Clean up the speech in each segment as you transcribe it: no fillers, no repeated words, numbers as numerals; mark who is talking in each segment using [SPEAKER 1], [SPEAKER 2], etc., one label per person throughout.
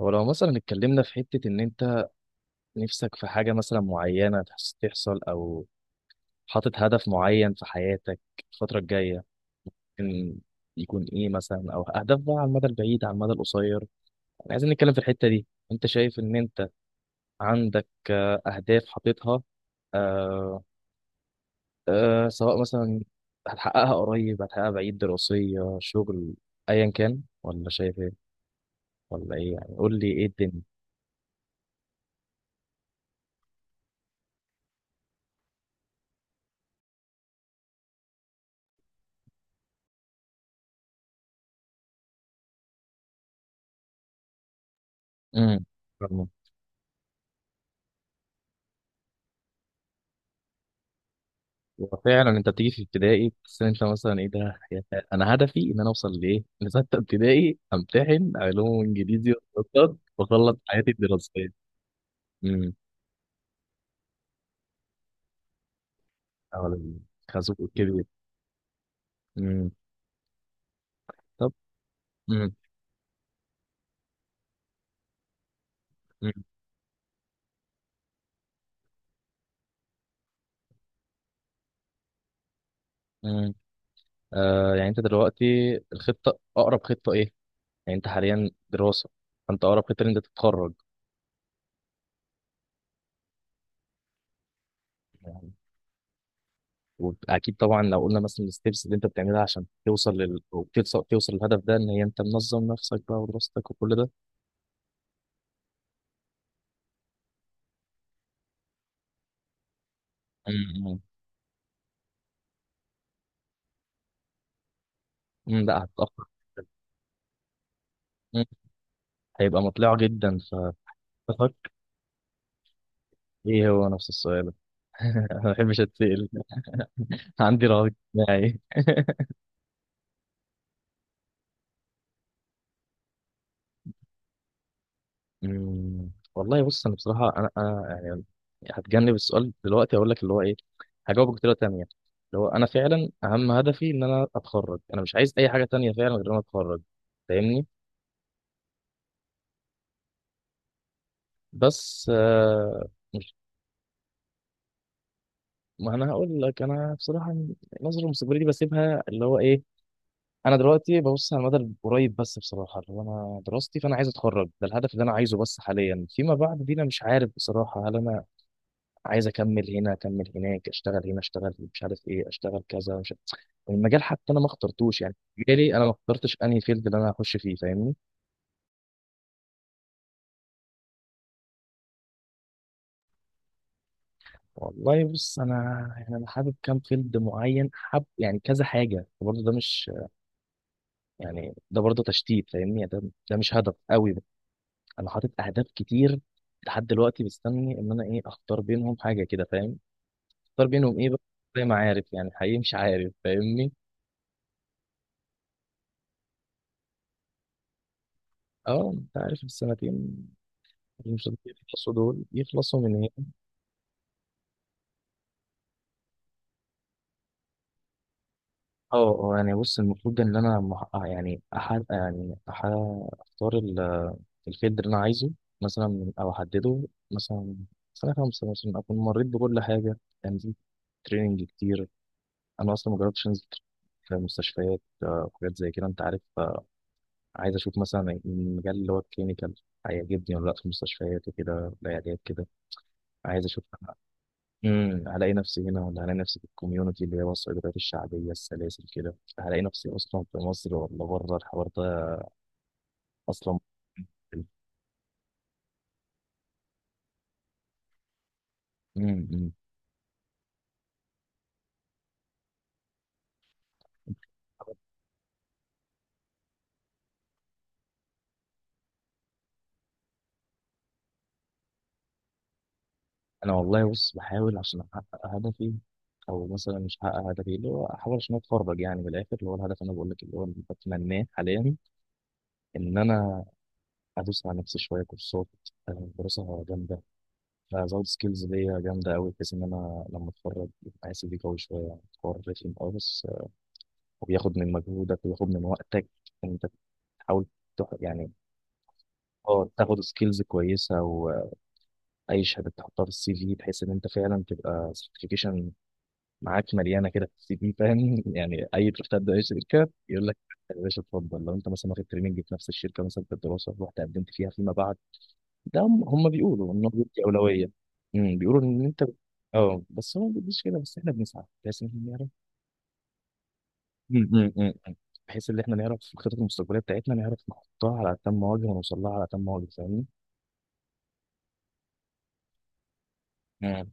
[SPEAKER 1] هو لو مثلا اتكلمنا في حتة إن أنت نفسك في حاجة مثلا معينة تحصل أو حاطط هدف معين في حياتك الفترة الجاية إن يكون إيه مثلا، أو أهداف بقى على المدى البعيد على المدى القصير، يعني عايزين نتكلم في الحتة دي. أنت شايف إن أنت عندك أهداف حاططها، آه، سواء مثلا هتحققها قريب هتحققها بعيد، دراسية، شغل، أيا كان، ولا شايف إيه؟ ولا إيه يعني؟ قول لي إيه الدنيا. امم وفعلا انت بتيجي في ابتدائي، بس انت مثلا ايه ده انا هدفي ان انا اوصل لايه، لسته ابتدائي، امتحن علوم وانجليزي واقتصاد واخلص حياتي الدراسيه. امم. اولاني. خازوق الكبير. امم. طب. امم. امم. إمم. يعني انت دلوقتي اقرب خطه ايه؟ يعني انت حاليا دراسه، فانت اقرب خطه ان انت تتخرج. يعني واكيد طبعا لو قلنا مثلا الستبس اللي انت بتعملها عشان أو توصل للهدف ده، ان هي انت منظم نفسك بقى، ودراستك وكل ده. إمم، إمم. امم، لا هتتأخر. امم، هيبقى مطلع جدا. ففكر ايه هو نفس السؤال. انا ما بحبش اتسأل، عندي رهاب اجتماعي. والله بص، انا بصراحة انا يعني هتجنب السؤال دلوقتي، اقول لك اللي هو ايه، هجاوبك بطريقة تانية. اللي هو انا فعلا اهم هدفي ان انا اتخرج، انا مش عايز اي حاجة تانية فعلا غير ان انا اتخرج، فاهمني؟ بس مش ما انا هقول لك، انا بصراحة نظرة مستقبلية دي بسيبها اللي هو ايه. انا دلوقتي ببص على المدى القريب بس بصراحه، اللي هو انا دراستي، فانا عايز اتخرج، ده الهدف اللي انا عايزه بس حاليا. فيما بعد دي انا مش عارف بصراحه، هل انا عايز اكمل هنا، اكمل هناك، اشتغل هنا، اشتغل مش عارف ايه، اشتغل كذا، مش عارف. المجال حتى انا ما اخترتوش، يعني مجالي انا ما اخترتش انهي فيلد اللي انا هخش فيه، فاهمني؟ والله بص انا، يعني انا حابب كام فيلد معين، حاب يعني كذا حاجه، برضه ده مش، يعني ده برضه تشتيت فاهمني، يعني ده مش هدف قوي. انا حاطط اهداف كتير، لحد دلوقتي مستني ان انا ايه، اختار بينهم حاجه كده فاهم؟ اختار بينهم ايه بقى؟ زي ما عارف يعني، حقيقي مش عارف فاهمني. اه، انت عارف السنتين اللي مش راضيين يخلصوا دول يخلصوا من ايه. اه. يعني بص، المفروض ان انا مح... آه، يعني يعني اختار الفيلد اللي انا عايزه مثلا، او احدده مثلا. سنه خمسه مثلا اكون مريت بكل حاجه، تنزيل، تريننج كتير. انا اصلا ما جربتش انزل في مستشفيات، وحاجات زي كده انت عارف. عايز اشوف مثلا المجال اللي هو الكلينيكال هيعجبني ولا لا، في مستشفيات وكده، العيادات كده، عايز اشوف. امم، هلاقي نفسي هنا ولا هلاقي نفسي في الكوميونتي اللي هي الصيدليات الشعبيه، السلاسل كده، هلاقي نفسي اصلا في مصر ولا بره، الحوار ده اصلا. امم. انا والله بص، بحاول عشان احقق هدفي، او مثلا مش هحقق هدفي، اللي هو احاول عشان اتفرج، يعني من الاخر، اللي هو الهدف انا بقول لك، اللي هو اللي بتمناه حاليا، ان انا ادوس على نفسي شويه كورسات، دراسه جامده. أنا هزود سكيلز ليا جامدة أوي، بحيث إن أنا لما أتخرج يبقى سي في قوي شوية، يعني حوار رخم أوي، بس وبياخد من مجهودك وبياخد من وقتك، إن أنت تحاول يعني اه تاخد سكيلز كويسة، وأي شهادة تحطها في السي في، بحيث إن أنت فعلا تبقى سيرتيفيكيشن معاك مليانة كده في السي في فاهم. يعني أي تروح تبدأ أي شركة، يقول لك يا باشا اتفضل، لو أنت مثلا واخد تريننج في نفس الشركة مثلا، في الدراسة رحت قدمت فيها، فيما بعد ده هم بيقولوا ان هو بيدي اولويه. امم، بيقولوا ان انت، اه بس هو ما بيديش كده، بس احنا بنسعى بحيث ان احنا نعرف. أمم، أمم، أمم، أمم. بحيث ان احنا نعرف في الخطط المستقبليه بتاعتنا، نعرف نحطها على تم وجه، ونوصل لها على تم وجه، فاهمني؟ امم.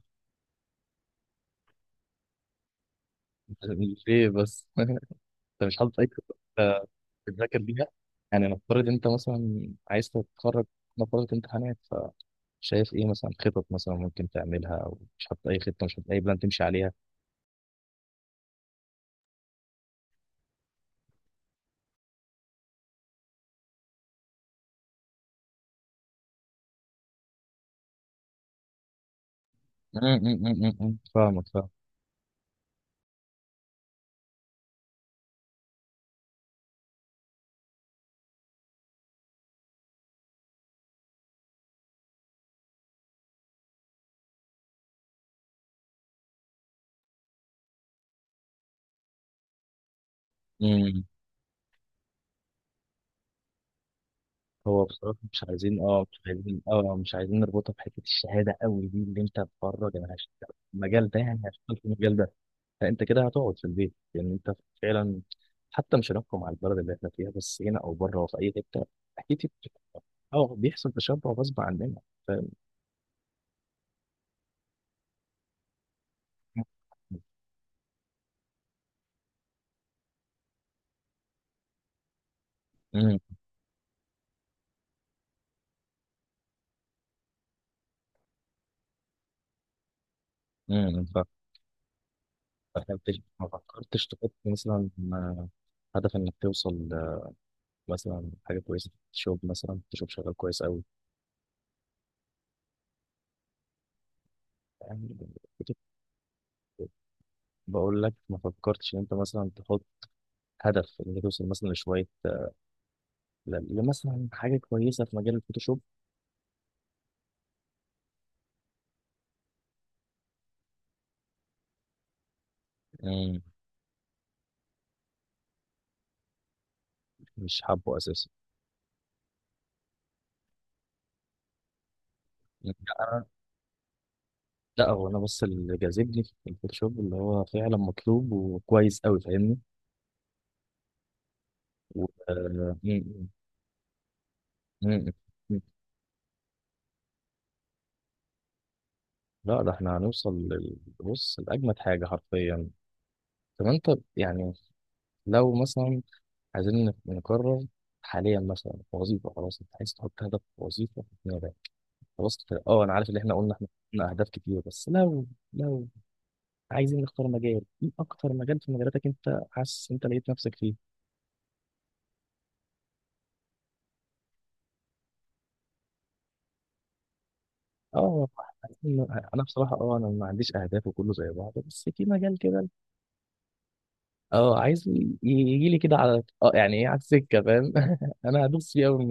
[SPEAKER 1] أنت ليه بس؟ انت مش حاطط اي خطه؟ أنت بتذاكر بيها؟ يعني نفترض انت مثلا عايز تتخرج، نفترض امتحانات، فشايف ايه مثلا خطط مثلا ممكن تعملها، او مش حاطط اي خطه، مش حاطط اي بلان تمشي عليها؟ أمم، أمم، أمم، أمم. فاهمك، فاهم. هو بصراحة مش عايزين نربطها بحتة الشهادة قوي دي اللي انت بره، يعني هشتغل في المجال ده، يعني هشتغل في المجال ده. فانت كده هتقعد في البيت يعني انت، فعلا حتى مش هنحكم على البلد اللي احنا فيها، بس هنا او بره وفي اي حتة، اكيد. بت- اه بيحصل تشبع غصب عننا فاهم. امم. امم. ما فكرتش تحط مثلا هدف انك توصل مثلا حاجه كويسه في الشغل، مثلا تشوف شغال كويس قوي يعني. بقول لك ما فكرتش ان انت مثلا تحط هدف ان انت توصل مثلا لمثلا حاجه كويسه في مجال الفوتوشوب. مم، مش حابه اساسا؟ لا. أنا- لا، هو انا بس اللي جاذبني في الفوتوشوب اللي هو فعلا مطلوب وكويس قوي فاهمني. آه، مم، مم، مم، مم. لا، ده احنا هنوصل بص لاجمد حاجه حرفيا. طب انت يعني لو مثلا عايزين نقرر حاليا مثلا وظيفه، خلاص انت عايز تحط هدف وظيفه، خلاص كده. اه، انا عارف اللي احنا قلنا اهداف كتير، بس لو عايزين نختار مجال ايه، اكتر مجال في مجالاتك انت حاسس انت لقيت نفسك فيه. اه، انا بصراحه انا ما عنديش اهداف وكله زي بعضه، بس في مجال كده اه عايز يجي لي كده على يعني ايه، على السكه فاهم. انا هدوس فيه قوي.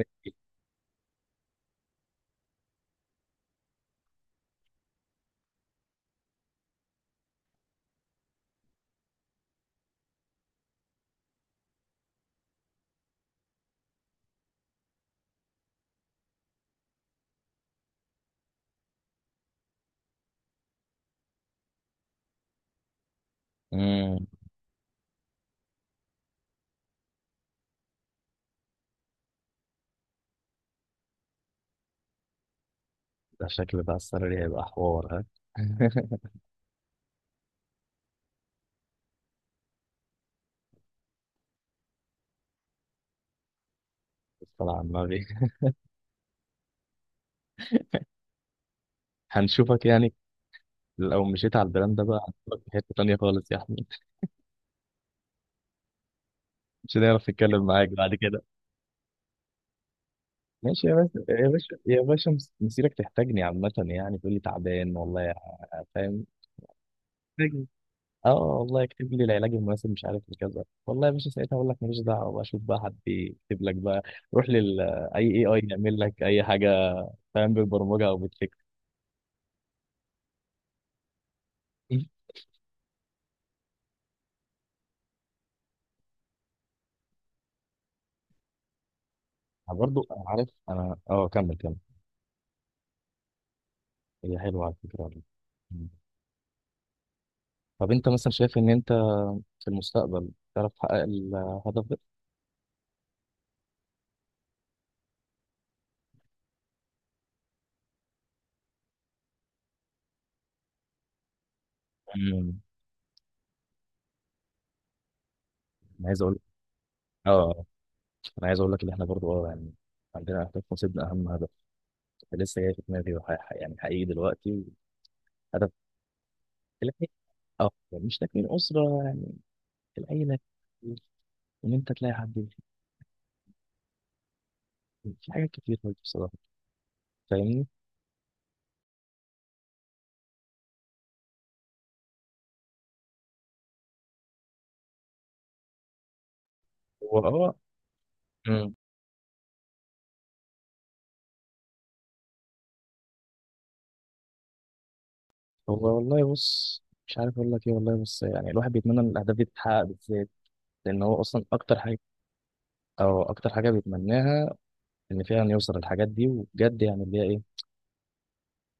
[SPEAKER 1] امم، ده شكل بقى السالري هيبقى حوار ها. طلع على النبي. هنشوفك يعني، لو مشيت على البراند ده بقى هنشوفك في حته تانيه خالص يا احمد. مش هنعرف نتكلم معاك بعد كده. ماشي يا باشا يا باشا يا باشا، مسيرك تحتاجني عامة يعني، تقول لي تعبان والله يا- فاهم، محتاجني، اه والله اكتب لي العلاج المناسب مش عارف إيه كذا، والله يا باشا ساعتها اقول لك ماليش دعوة بقى، شوف بقى حد يكتب لك بقى، روح لل اي اي اي يعمل لك اي حاجة فاهم، بالبرمجة او بالفكر. برضه انا عارف، انا كمل كمل. هي حلوة على فكرة والله. مم. طب انت مثلا شايف ان انت في المستقبل تعرف تحقق الهدف ده؟ مم. انا عايز اقول، اه انا عايز اقول لك ان احنا برضو يعني عندنا اهداف، نصيبنا اهم هدف لسه جاي في دماغي، يعني حقيقي دلوقتي هدف تلاقي، اه يعني مش تكوين اسره يعني، العيله، ان انت تلاقي حد يفيد. في حاجات كتير برضو بصراحه فاهمني. هو مم. هو والله بص، مش عارف اقول لك ايه، والله بص يعني الواحد بيتمنى ان الاهداف دي تتحقق بالذات، لان هو اصلا اكتر حاجه، او اكتر حاجه بيتمناها، ان فعلا يوصل للحاجات دي وبجد، يعني اللي هي ايه،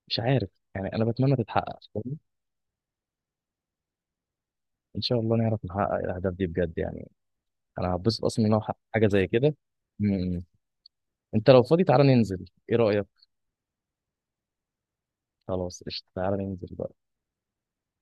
[SPEAKER 1] مش عارف يعني، انا بتمنى تتحقق فاهمني؟ ان شاء الله نعرف نحقق الاهداف دي بجد يعني. انا هتبسط اصلا ان انا أحقق حاجه زي كده. م- م. انت لو فاضي تعالى ننزل، ايه رايك؟ خلاص قشطة، تعالى ننزل بقى.